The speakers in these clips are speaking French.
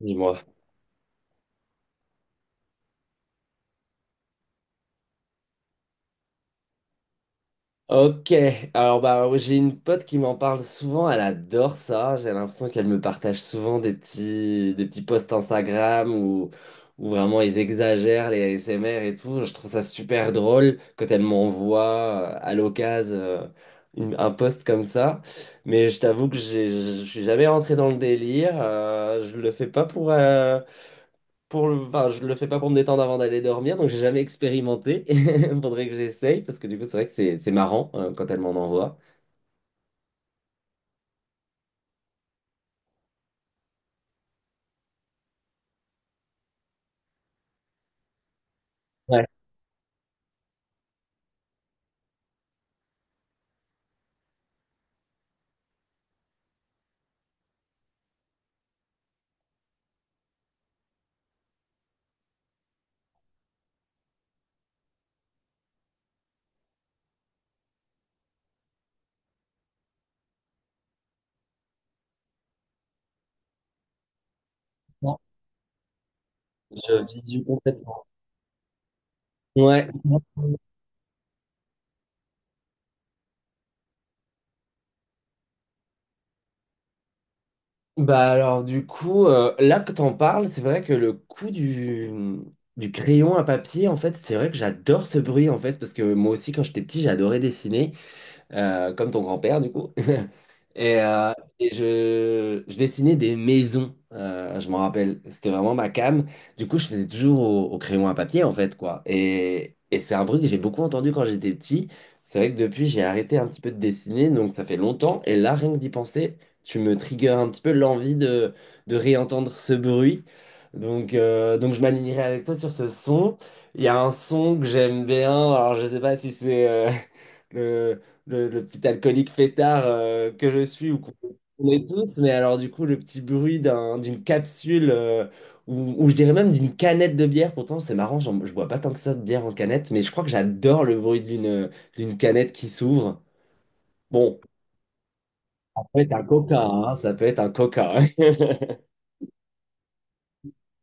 Dis-moi. Ok, alors bah j'ai une pote qui m'en parle souvent, elle adore ça, j'ai l'impression qu'elle me partage souvent des petits posts Instagram où vraiment ils exagèrent les ASMR et tout, je trouve ça super drôle quand elle m'envoie à l'occasion un post comme ça, mais je t'avoue que je suis jamais rentré dans le délire, je le fais pas pour le. Je le fais pas pour me détendre avant d'aller dormir, donc j'ai jamais expérimenté. Il faudrait que j'essaye, parce que du coup, c'est vrai que c'est marrant quand elle m'en envoie. Ouais. Non. Je visu complètement. Ouais. Bah alors du coup, là que t'en parles, c'est vrai que le coup du crayon à papier, en fait, c'est vrai que j'adore ce bruit, en fait, parce que moi aussi, quand j'étais petit, j'adorais dessiner, comme ton grand-père, du coup. Et, euh, je dessinais des maisons, je m'en rappelle. C'était vraiment ma came. Du coup, je faisais toujours au crayon à papier, en fait, quoi. Et c'est un bruit que j'ai beaucoup entendu quand j'étais petit. C'est vrai que depuis, j'ai arrêté un petit peu de dessiner, donc ça fait longtemps. Et là, rien que d'y penser, tu me triggers un petit peu l'envie de réentendre ce bruit. Donc je m'alignerai avec toi sur ce son. Il y a un son que j'aime bien. Alors, je sais pas si le, le petit alcoolique fêtard que je suis ou qu'on est tous, mais alors du coup le petit bruit d'une capsule ou je dirais même d'une canette de bière, pourtant c'est marrant, je bois pas tant que ça de bière en canette, mais je crois que j'adore le bruit d'une canette qui s'ouvre. Bon, ça peut être un coca, hein, ça peut être un coca, hein.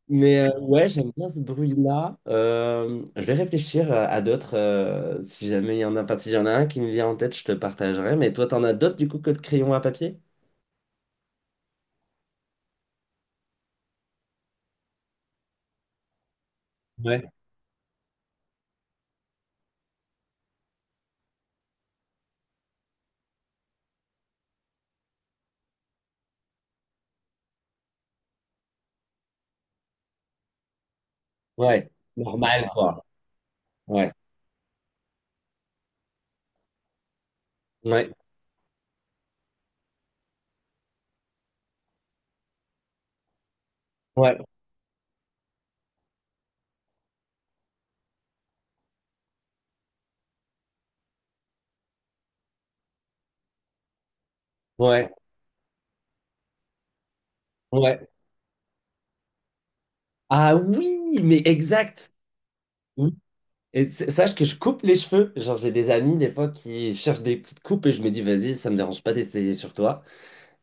Mais ouais, j'aime bien ce bruit-là. Je vais réfléchir à d'autres si jamais il y en a, enfin, si y en a un qui me vient en tête, je te partagerai. Mais toi, t'en as d'autres du coup que le crayon à papier? Ouais, ouais, normal, quoi. Ouais, ouais, ouais, ouais, ouais. Ah oui, mais exact. Oui. Et sache que je coupe les cheveux. Genre, j'ai des amis, des fois, qui cherchent des petites coupes et je me dis, vas-y, ça me dérange pas d'essayer sur toi.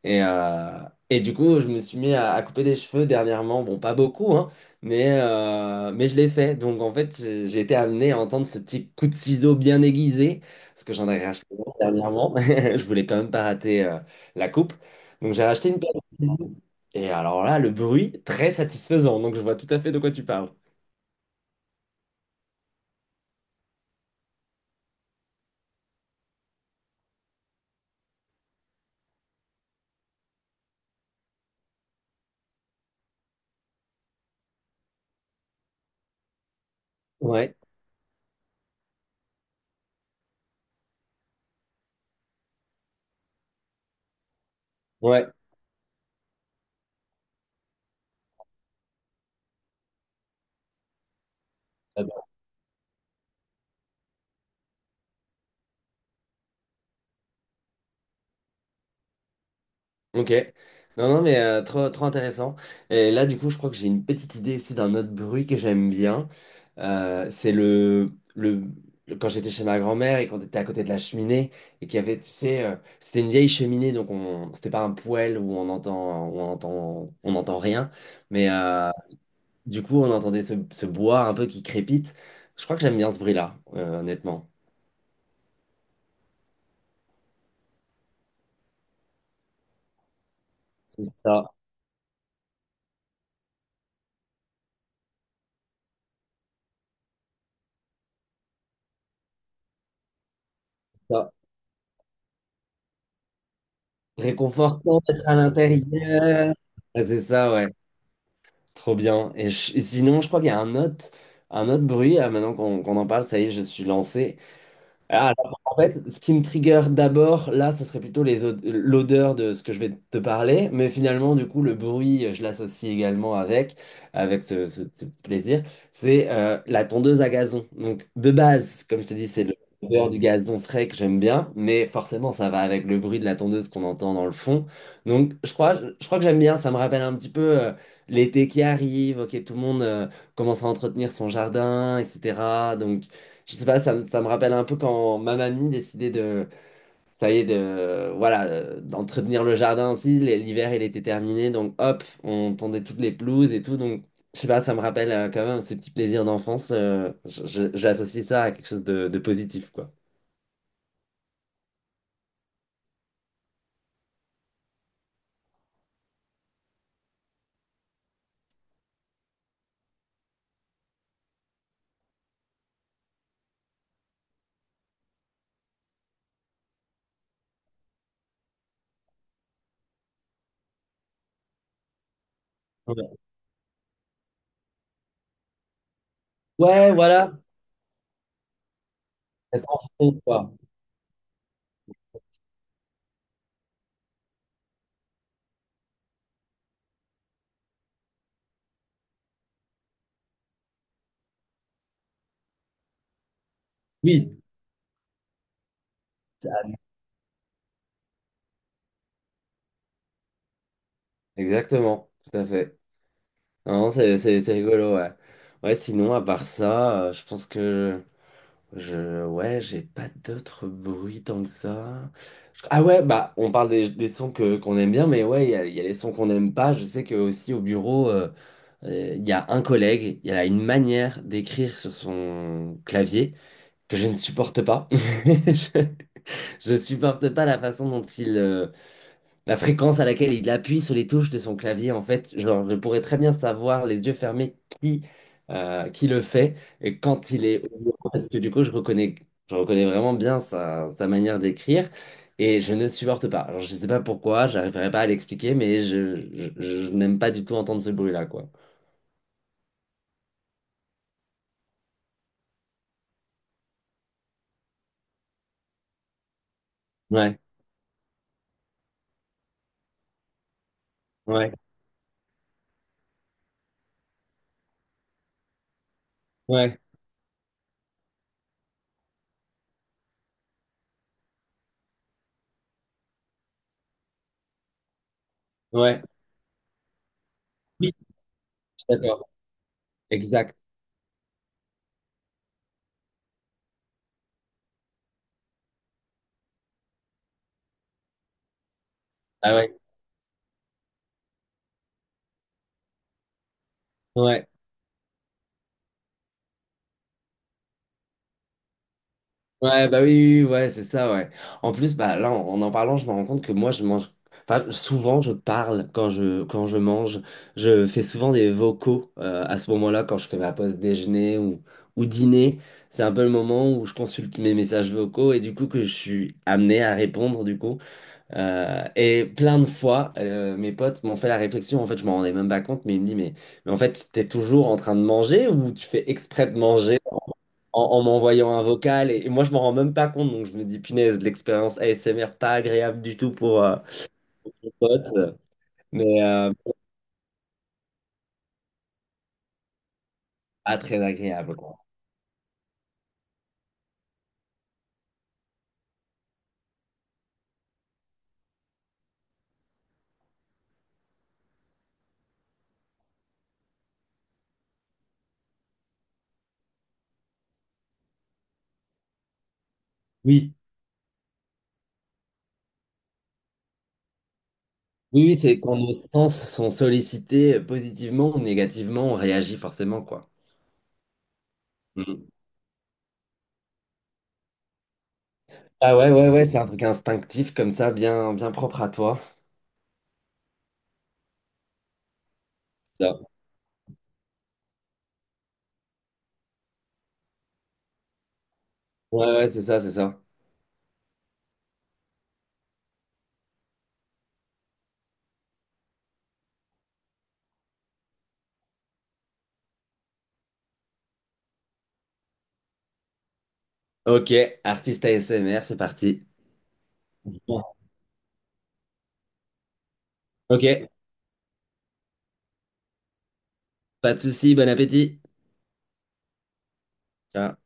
Et, euh, et du coup, je me suis mis à couper des cheveux dernièrement. Bon, pas beaucoup, hein, mais je l'ai fait. Donc, en fait, j'ai été amené à entendre ce petit coup de ciseau bien aiguisé, parce que j'en ai racheté un dernièrement. Je voulais quand même pas rater la coupe. Donc, j'ai racheté une paire de ciseaux. Et alors là, le bruit, très satisfaisant. Donc, je vois tout à fait de quoi tu parles. Ouais, ouais. Ok. Non, non, mais trop, trop intéressant. Et là, du coup, je crois que j'ai une petite idée aussi d'un autre bruit que j'aime bien. C'est quand j'étais chez ma grand-mère et qu'on était à côté de la cheminée et qu'il y avait, tu sais, c'était une vieille cheminée, donc c'était pas un poêle où on entend, on n'entend rien. Mais du coup, on entendait ce bois un peu qui crépite. Je crois que j'aime bien ce bruit-là, honnêtement. C'est ça, ça. Réconfortant d'être à l'intérieur. Ah, c'est ça, ouais. Trop bien. Et sinon, je crois qu'il y a un autre bruit. Ah, maintenant qu'on en parle, ça y est, je suis lancé. Ah, alors, en fait, ce qui me trigger d'abord, là, ce serait plutôt l'odeur de ce que je vais te parler, mais finalement, du coup, le bruit, je l'associe également avec, avec ce petit plaisir, c'est la tondeuse à gazon. Donc, de base, comme je te dis, c'est l'odeur du gazon frais que j'aime bien, mais forcément, ça va avec le bruit de la tondeuse qu'on entend dans le fond. Donc, je crois que j'aime bien, ça me rappelle un petit peu l'été qui arrive, ok, tout le monde commence à entretenir son jardin, etc. Donc, je sais pas, ça me rappelle un peu quand ma mamie décidait ça y est, voilà, d'entretenir le jardin aussi. L'hiver, il était terminé, donc hop, on tendait toutes les pelouses et tout. Donc, je sais pas, ça me rappelle quand même ce petit plaisir d'enfance, j'associe ça à quelque chose de positif, quoi. Ouais. Ouais, voilà. Elles s'en font, quoi. Oui. Exactement, tout à fait. Non, c'est rigolo, ouais. Ouais, sinon, à part ça, je pense que. Ouais, j'ai pas d'autres bruits tant que ça. Ah ouais, bah, on parle des sons qu'on aime bien, mais ouais, il y a les sons qu'on n'aime pas. Je sais que aussi au bureau, il y a un collègue, il a une manière d'écrire sur son clavier que je ne supporte pas. Je supporte pas la façon dont la fréquence à laquelle il appuie sur les touches de son clavier, en fait, genre, je pourrais très bien savoir, les yeux fermés, qui, qui le fait et quand il est au bureau, parce que du coup, je reconnais vraiment bien sa manière d'écrire et je ne supporte pas. Alors, je ne sais pas pourquoi, j'arriverai pas à l'expliquer, mais je n'aime pas du tout entendre ce bruit-là, quoi. Ouais, ouais, ouais, ouais. Oui, je suis d'accord. Exact. Ah ouais, ouais. Ouais, bah oui, oui, oui, ouais, c'est ça, ouais. En plus, bah là, en parlant, je me rends compte que moi, je mange. Enfin, souvent, je parle quand quand je mange. Je fais souvent des vocaux à ce moment-là, quand je fais ma pause déjeuner ou dîner. C'est un peu le moment où je consulte mes messages vocaux et du coup que je suis amené à répondre, du coup. Et plein de fois, mes potes m'ont fait la réflexion. En fait, je m'en rendais même pas compte, mais ils me disent, mais en fait, t'es toujours en train de manger ou tu fais exprès de manger? En m'envoyant un vocal. Et moi, je m'en rends même pas compte. Donc, je me dis, punaise, de l'expérience ASMR, pas agréable du tout pour mon pote, mais pas très agréable, quoi. Oui, oui, oui, c'est quand nos sens sont sollicités positivement ou négativement, on réagit forcément, quoi. Mhm. Ah ouais, ouais, ouais, c'est un truc instinctif comme ça, bien, bien propre à toi. Ça. Ouais, ouais, c'est ça, c'est ça. Ok, artiste ASMR, c'est parti. Bon. Ok, pas de souci, bon appétit. Ciao.